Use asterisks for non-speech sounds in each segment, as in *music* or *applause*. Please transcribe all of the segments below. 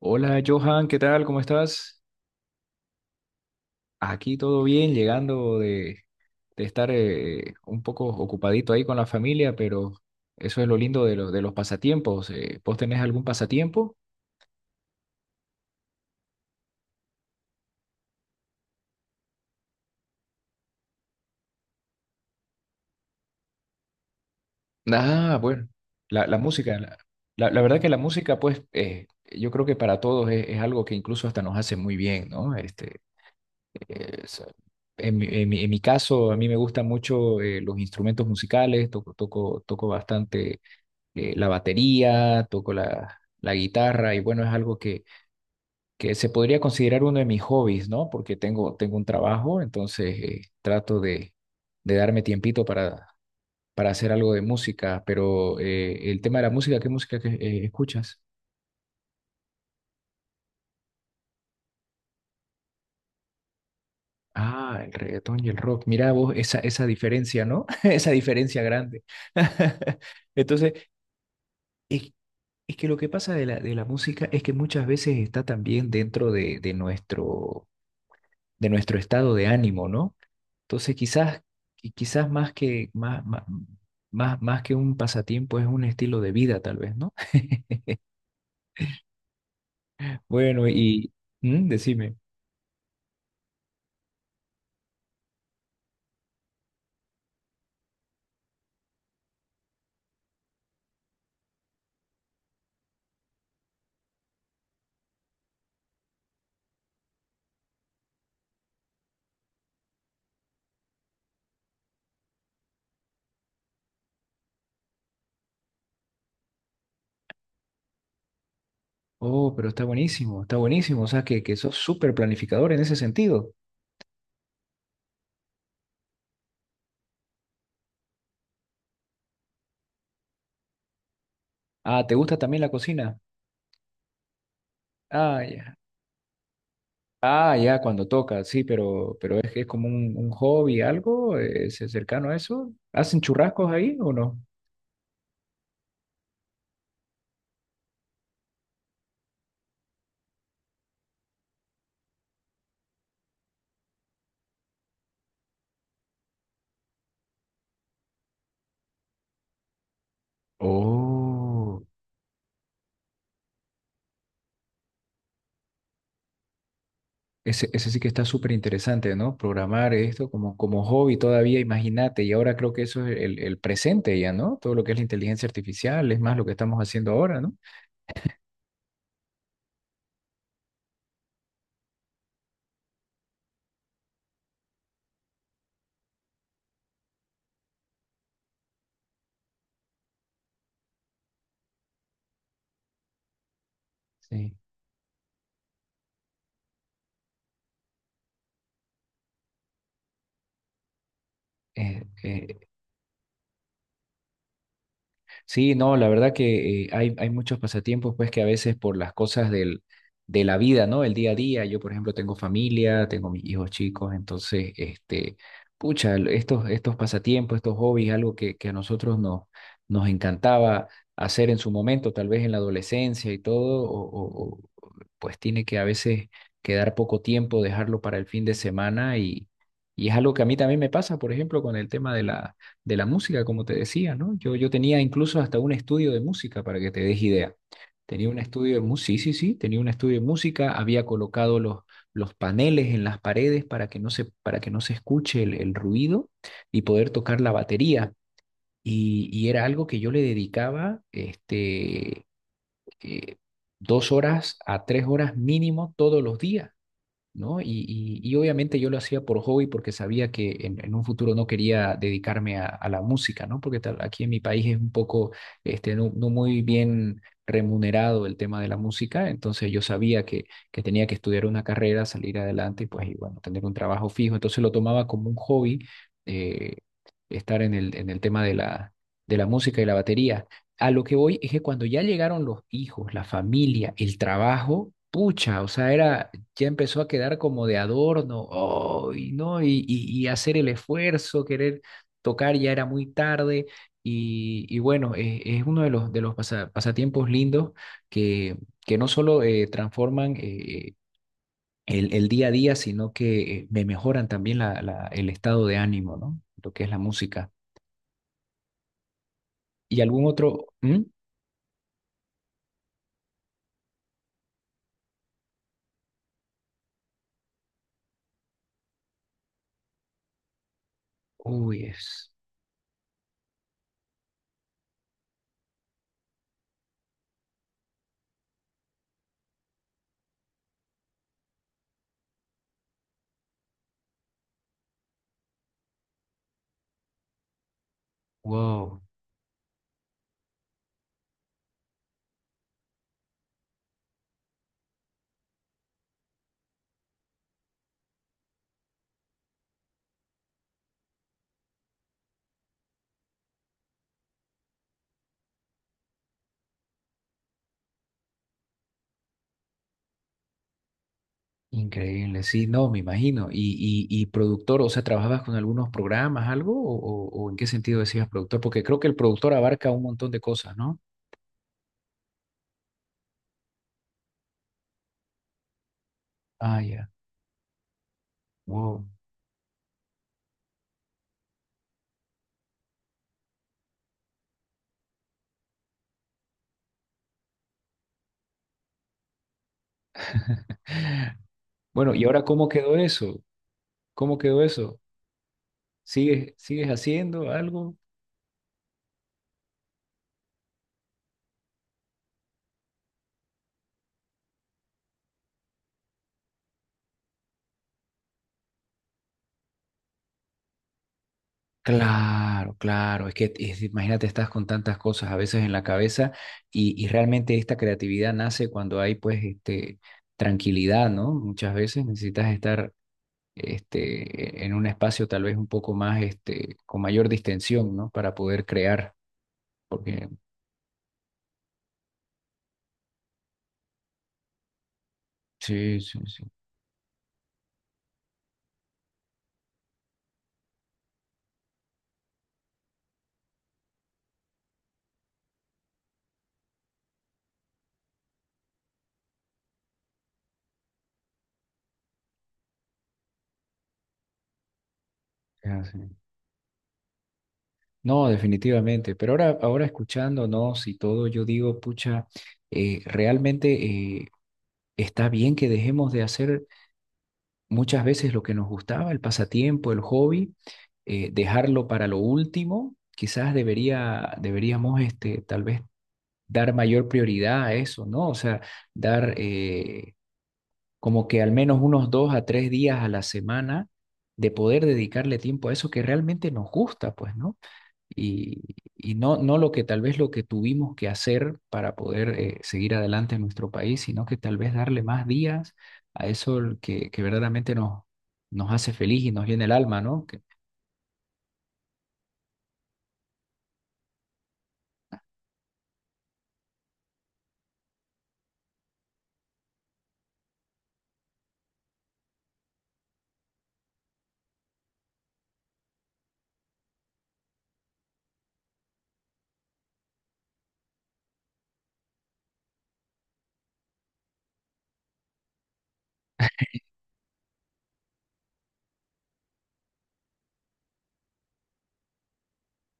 Hola Johan, ¿qué tal? ¿Cómo estás? Aquí todo bien, llegando de estar un poco ocupadito ahí con la familia, pero eso es lo lindo de de los pasatiempos. ¿Vos tenés algún pasatiempo? Ah, bueno, la música. La verdad que la música, pues, yo creo que para todos es algo que incluso hasta nos hace muy bien, ¿no? Este, eh, es- en mi caso, a mí me gustan mucho los instrumentos musicales, toco bastante la batería, toco la guitarra y bueno, es algo que se podría considerar uno de mis hobbies, ¿no? Porque tengo un trabajo, entonces trato de darme tiempito para hacer algo de música, pero el tema de la música, ¿qué música escuchas? Ah, el reggaetón y el rock. Mira vos esa diferencia, ¿no? *laughs* Esa diferencia grande. *laughs* Entonces, es, es que lo que pasa de la música es que muchas veces está también dentro de, de nuestro estado de ánimo, ¿no? Entonces quizás, y quizás más que, más, más, más, más que un pasatiempo es un estilo de vida, tal vez, ¿no? *laughs* Bueno, y mm, decime, oh, pero está buenísimo, o sea que sos súper planificador en ese sentido. Ah, ¿te gusta también la cocina? Ah, ya. Ah, ya, cuando toca, sí, pero es que es como un hobby, algo, es cercano a eso. ¿Hacen churrascos ahí o no? Oh. Ese sí que está súper interesante, ¿no? Programar esto como, como hobby todavía, imagínate, y ahora creo que eso es el presente ya, ¿no? Todo lo que es la inteligencia artificial, es más lo que estamos haciendo ahora, ¿no? Sí, es, sí, no, la verdad que hay muchos pasatiempos, pues que a veces por las cosas de la vida, ¿no? El día a día, yo por ejemplo tengo familia, tengo mis hijos chicos, entonces, este, pucha, estos pasatiempos, estos hobbies, algo que a nosotros nos, nos encantaba hacer en su momento, tal vez en la adolescencia y todo, o pues tiene que a veces quedar poco tiempo, dejarlo para el fin de semana y es algo que a mí también me pasa, por ejemplo, con el tema de la música, como te decía, ¿no? Yo tenía incluso hasta un estudio de música para que te des idea. Tenía un estudio de música, sí, sí, sí, tenía un estudio de música, había colocado los paneles en las paredes para que no se, para que no se escuche el ruido y poder tocar la batería. Y era algo que yo le dedicaba este, eh, dos horas a tres horas mínimo todos los días. ¿No? Y obviamente yo lo hacía por hobby porque sabía que en un futuro no quería dedicarme a la música, ¿no? Porque tal- aquí en mi país es un poco, este, no, no muy bien remunerado el tema de la música, entonces yo sabía que tenía que estudiar una carrera, salir adelante y pues, y bueno, tener un trabajo fijo, entonces lo tomaba como un hobby, eh, estar en en el tema de de la música y la batería. A lo que voy es que cuando ya llegaron los hijos, la familia, el trabajo, pucha, o sea, era ya empezó a quedar como de adorno, oh, y, ¿no? Y, y hacer el esfuerzo, querer tocar, ya era muy tarde. Y bueno, es uno de los pasatiempos lindos que, que no solo transforman el día a día, sino que me mejoran también el estado de ánimo, ¿no? Lo que es la música. ¿Y algún otro? ¿Mm? Uy, es. Wow. Increíble, sí, no, me imagino. Y productor, o sea, ¿trabajabas con algunos programas, algo? ¿O, o en qué sentido decías productor? Porque creo que el productor abarca un montón de cosas, ¿no? Ah, ya. Wow. Bueno, ¿y ahora cómo quedó eso? ¿Cómo quedó eso? ¿Sigues, sigues haciendo algo? Claro, claro, es que es- imagínate, estás con tantas cosas a veces en la cabeza y realmente esta creatividad nace cuando hay pues este, tranquilidad, ¿no? Muchas veces necesitas estar este, en un espacio tal vez un poco más, este, con mayor distensión, ¿no? Para poder crear, porque sí, sí, sí. Es así. No, definitivamente, pero ahora, ahora escuchándonos y todo, yo digo, pucha, realmente está bien que dejemos de hacer muchas veces lo que nos gustaba, el pasatiempo, el hobby, dejarlo para lo último, quizás debería, deberíamos, este, tal vez dar mayor prioridad a eso, ¿no? O sea, dar... como que al menos unos dos a tres días a la semana de poder dedicarle tiempo a eso que realmente nos gusta, pues, ¿no? Y, y no, no lo que tal vez lo que tuvimos que hacer para poder seguir adelante en nuestro país, sino que tal vez darle más días a eso el que verdaderamente nos, nos hace feliz y nos llena el alma, ¿no? Que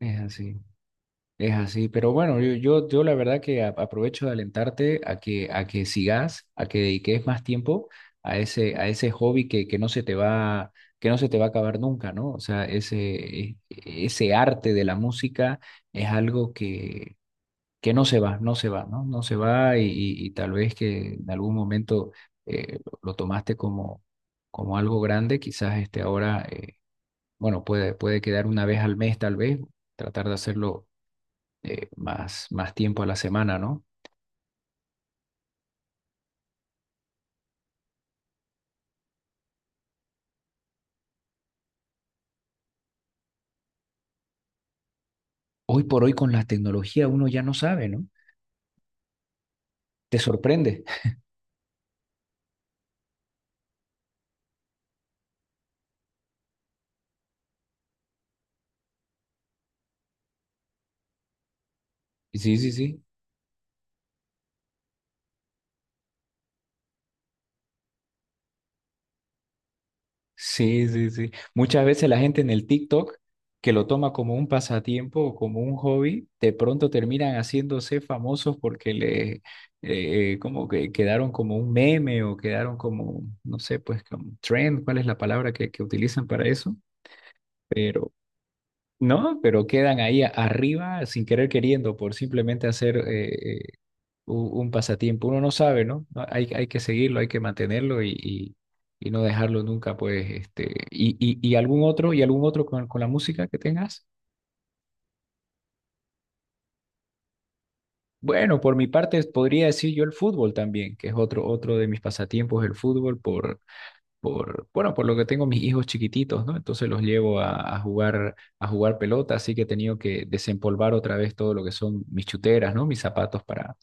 es así. Es así, pero bueno, yo la verdad que aprovecho de alentarte a a que sigas, a que dediques más tiempo a ese hobby que no se te va, que no se te va a acabar nunca, ¿no? O sea, ese, ese arte de la música es algo que no se va, no se va, ¿no? No se va y, y tal vez que en algún momento lo tomaste como, como algo grande, quizás este ahora, bueno, puede quedar una vez al mes tal vez, tratar de hacerlo más tiempo a la semana, ¿no? Hoy por hoy con la tecnología uno ya no sabe, ¿no? Te sorprende. Sí, sí, sí. Sí, sí, sí. Muchas veces la gente en el TikTok que lo toma como un pasatiempo o como un hobby, de pronto terminan haciéndose famosos porque le como que quedaron como un meme o quedaron como, no sé, pues como trend, ¿cuál es la palabra que utilizan para eso? Pero no, pero quedan ahí arriba sin querer queriendo por simplemente hacer un pasatiempo. Uno no sabe, ¿no? No, hay que seguirlo, hay que mantenerlo y no dejarlo nunca, pues, este, y algún otro con la música que tengas. Bueno, por mi parte podría decir yo el fútbol también, que es otro, otro de mis pasatiempos, el fútbol, por, bueno, por lo que tengo mis hijos chiquititos, ¿no? Entonces los llevo a jugar pelota, así que he tenido que desempolvar otra vez todo lo que son mis chuteras, ¿no? Mis zapatos para,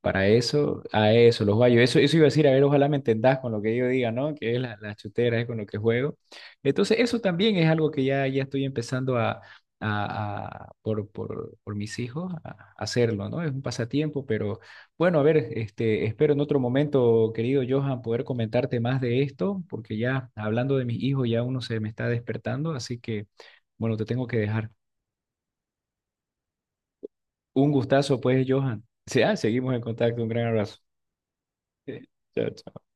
Para eso, a eso, los gallos. Eso iba a decir, a ver, ojalá me entendás con lo que yo diga, ¿no? Que es la chutera, es con lo que juego. Entonces, eso también es algo que ya, ya estoy empezando a, por mis hijos, a hacerlo, ¿no? Es un pasatiempo, pero bueno, a ver, este, espero en otro momento, querido Johan, poder comentarte más de esto, porque ya hablando de mis hijos, ya uno se me está despertando, así que, bueno, te tengo que dejar. Un gustazo, pues, Johan. Sí, ah, seguimos en contacto, un gran abrazo. *laughs* Chao, chao.